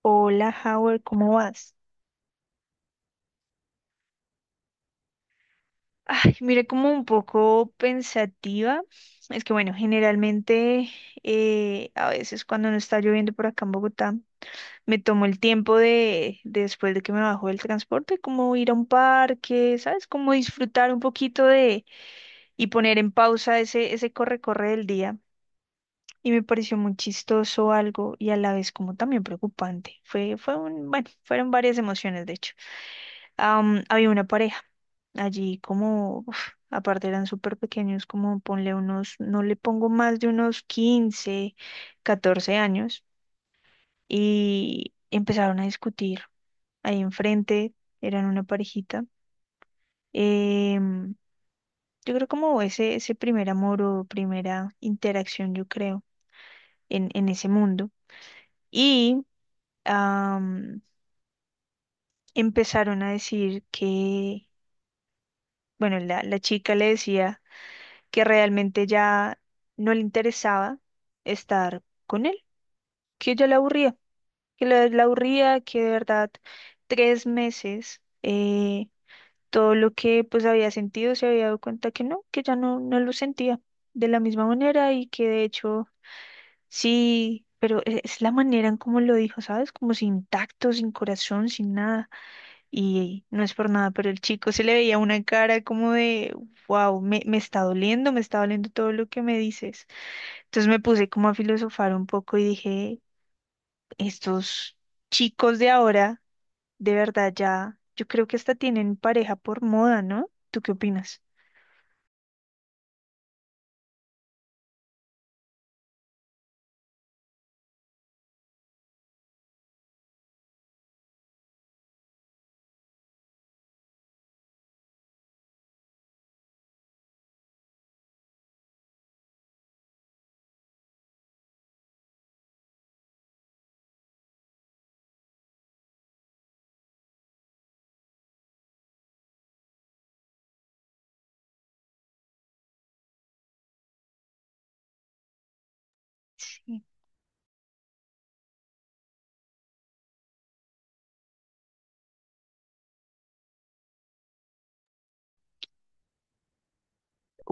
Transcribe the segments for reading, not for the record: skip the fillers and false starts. Hola, Howard, ¿cómo vas? Ay, mira, como un poco pensativa. Es que, bueno, generalmente a veces cuando no está lloviendo por acá en Bogotá, me tomo el tiempo de después de que me bajo del transporte, como ir a un parque, ¿sabes? Como disfrutar un poquito de y poner en pausa ese corre-corre del día. Y me pareció muy chistoso algo y a la vez como también preocupante. Fueron varias emociones, de hecho. Había una pareja allí como, uf, aparte eran súper pequeños, como ponle unos, no le pongo más de unos 15 14 años, y empezaron a discutir ahí enfrente, eran una parejita. Em, yo creo como ese primer amor o primera interacción, yo creo, en ese mundo. Y am, empezaron a decir que, bueno, la chica le decía que realmente ya no le interesaba estar con él, que ya le aburría, que le la aburría, que de verdad 3 meses todo lo que pues había sentido se había dado cuenta que no, que ya no, no lo sentía de la misma manera y que de hecho sí, pero es la manera en cómo lo dijo, ¿sabes? Como sin tacto, sin corazón, sin nada. Y no es por nada, pero el chico se le veía una cara como de, wow, me está doliendo todo lo que me dices. Entonces me puse como a filosofar un poco y dije, estos chicos de ahora, de verdad ya, yo creo que hasta tienen pareja por moda, ¿no? ¿Tú qué opinas? Sí.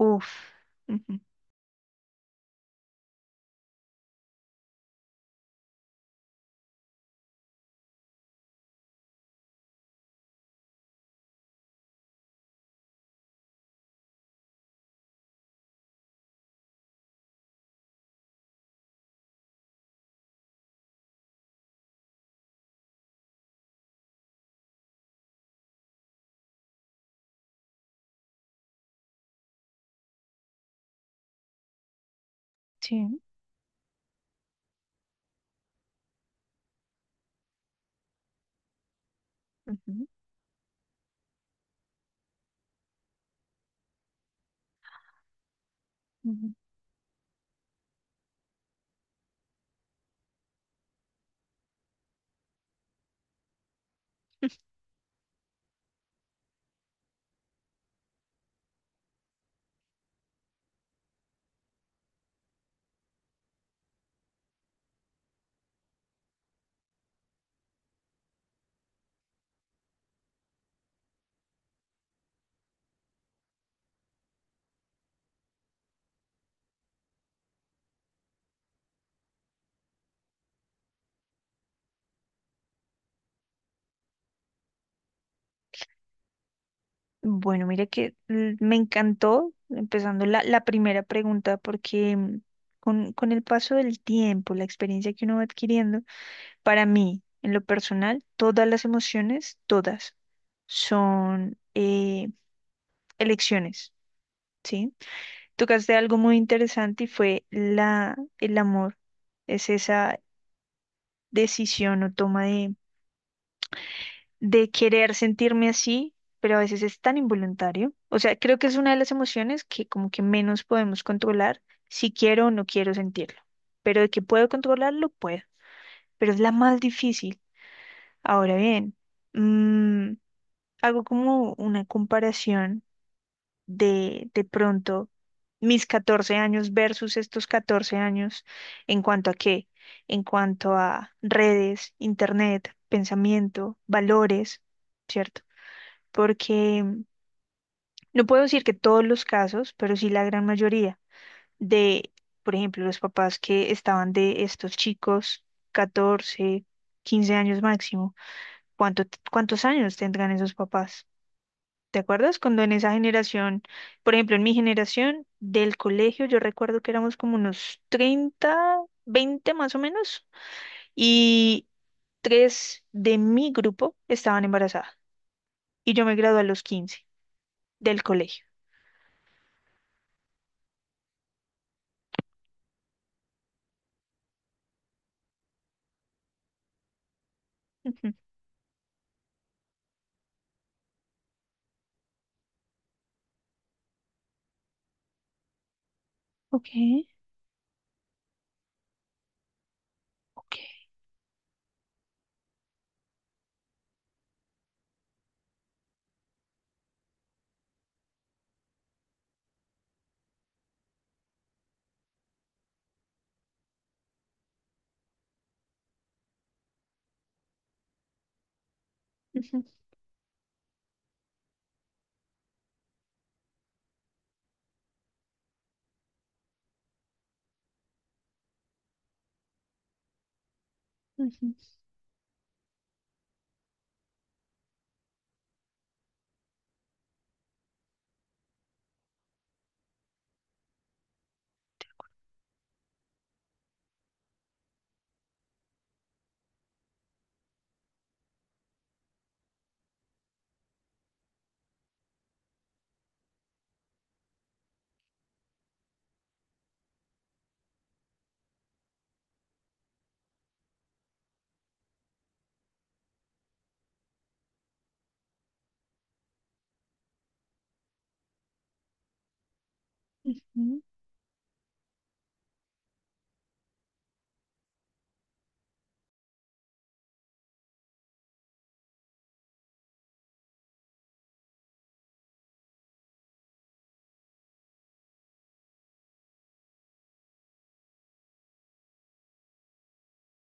Uf. Ujú. Sí. Ujú. Ujú. Bueno, mira que me encantó, empezando la primera pregunta, porque mm, con el paso del tiempo, la experiencia que uno va adquiriendo, para mí, en lo personal, todas las emociones, todas, son elecciones. Sí, tocaste algo muy interesante y fue la, el amor. Es esa decisión o toma de querer sentirme así, pero a veces es tan involuntario. O sea, creo que es una de las emociones que como que menos podemos controlar si quiero o no quiero sentirlo. Pero de que puedo controlarlo, puedo. Pero es la más difícil. Ahora bien, mm, hago como una comparación de pronto mis 14 años versus estos 14 años en cuanto a qué, en cuanto a redes, internet, pensamiento, valores, ¿cierto? Porque mm, no puedo decir que todos los casos, pero sí la gran mayoría de, por ejemplo, los papás que estaban de estos chicos, 14 15 años máximo, ¿cuánto, cuántos años tendrán esos papás? ¿Te acuerdas cuando en esa generación, por ejemplo, en mi generación del colegio, yo recuerdo que éramos como unos 30, 20 más o menos, y tres de mi grupo estaban embarazadas. Y yo me gradué a los 15 del colegio. Ujú. Ok, ok. Ujú. Ujú. Ujú.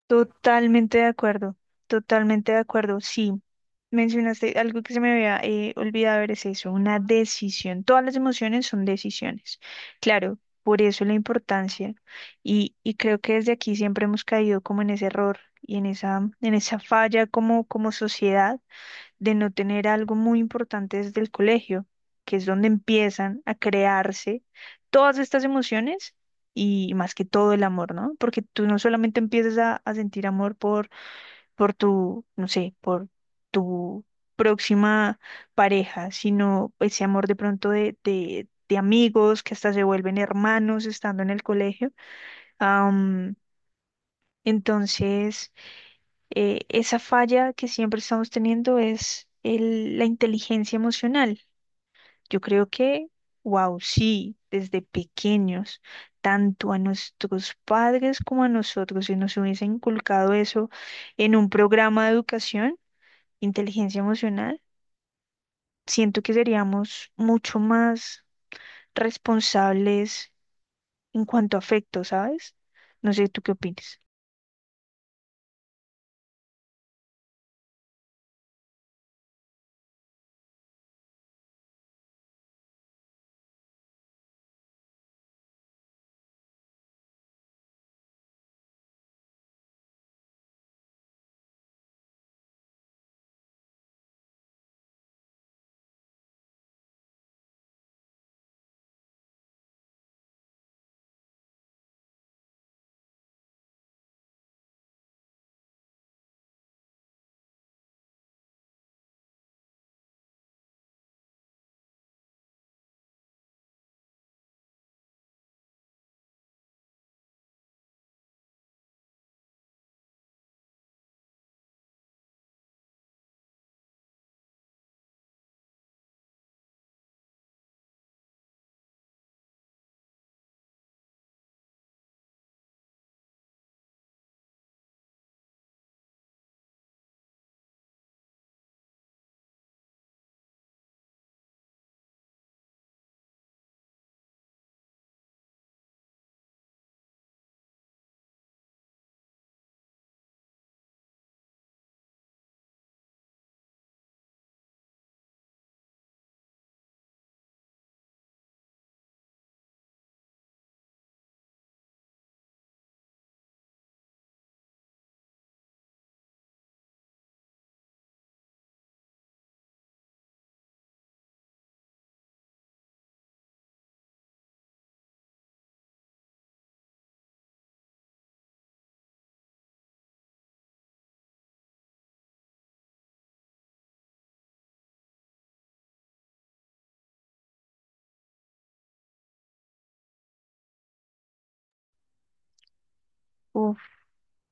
Totalmente de acuerdo, totalmente de acuerdo. Sí, mencionaste algo que se me había olvidado, ver es eso, una decisión. Todas las emociones son decisiones. Claro, por eso la importancia. Y creo que desde aquí siempre hemos caído como en ese error y en esa falla como, como sociedad de no tener algo muy importante desde el colegio, que es donde empiezan a crearse todas estas emociones y más que todo el amor, ¿no? Porque tú no solamente empiezas a sentir amor por tu, no sé, por tu próxima pareja, sino ese amor de pronto de amigos que hasta se vuelven hermanos estando en el colegio. Am, entonces esa falla que siempre estamos teniendo es la inteligencia emocional. Yo creo que, wow, sí, desde pequeños, tanto a nuestros padres como a nosotros, si nos hubiesen inculcado eso en un programa de educación, inteligencia emocional, siento que seríamos mucho más responsables en cuanto a afecto, ¿sabes? No sé, ¿tú qué opinas?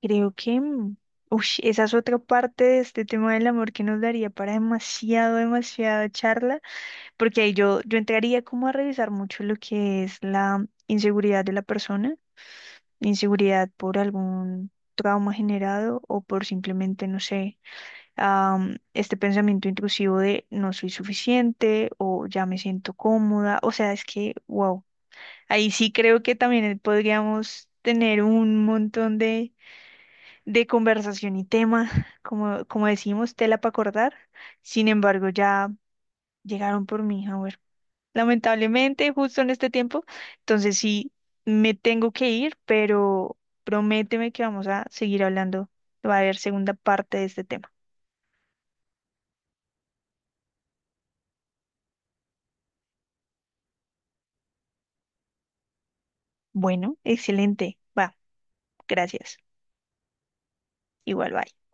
Creo que, mm, ush, esa es otra parte de este tema del amor que nos daría para demasiado, demasiada charla, porque ahí yo entraría como a revisar mucho lo que es la inseguridad de la persona, inseguridad por algún trauma generado o por simplemente, no sé, este pensamiento intrusivo de no soy suficiente o ya me siento cómoda, o sea, es que, wow, ahí sí creo que también podríamos tener un montón de conversación y tema, como, como decimos, tela para acordar. Sin embargo, ya llegaron por mí, a ver, lamentablemente, justo en este tiempo. Entonces sí, me tengo que ir, pero prométeme que vamos a seguir hablando. Va a haber segunda parte de este tema. Bueno, excelente. Va, gracias. Igual, bye.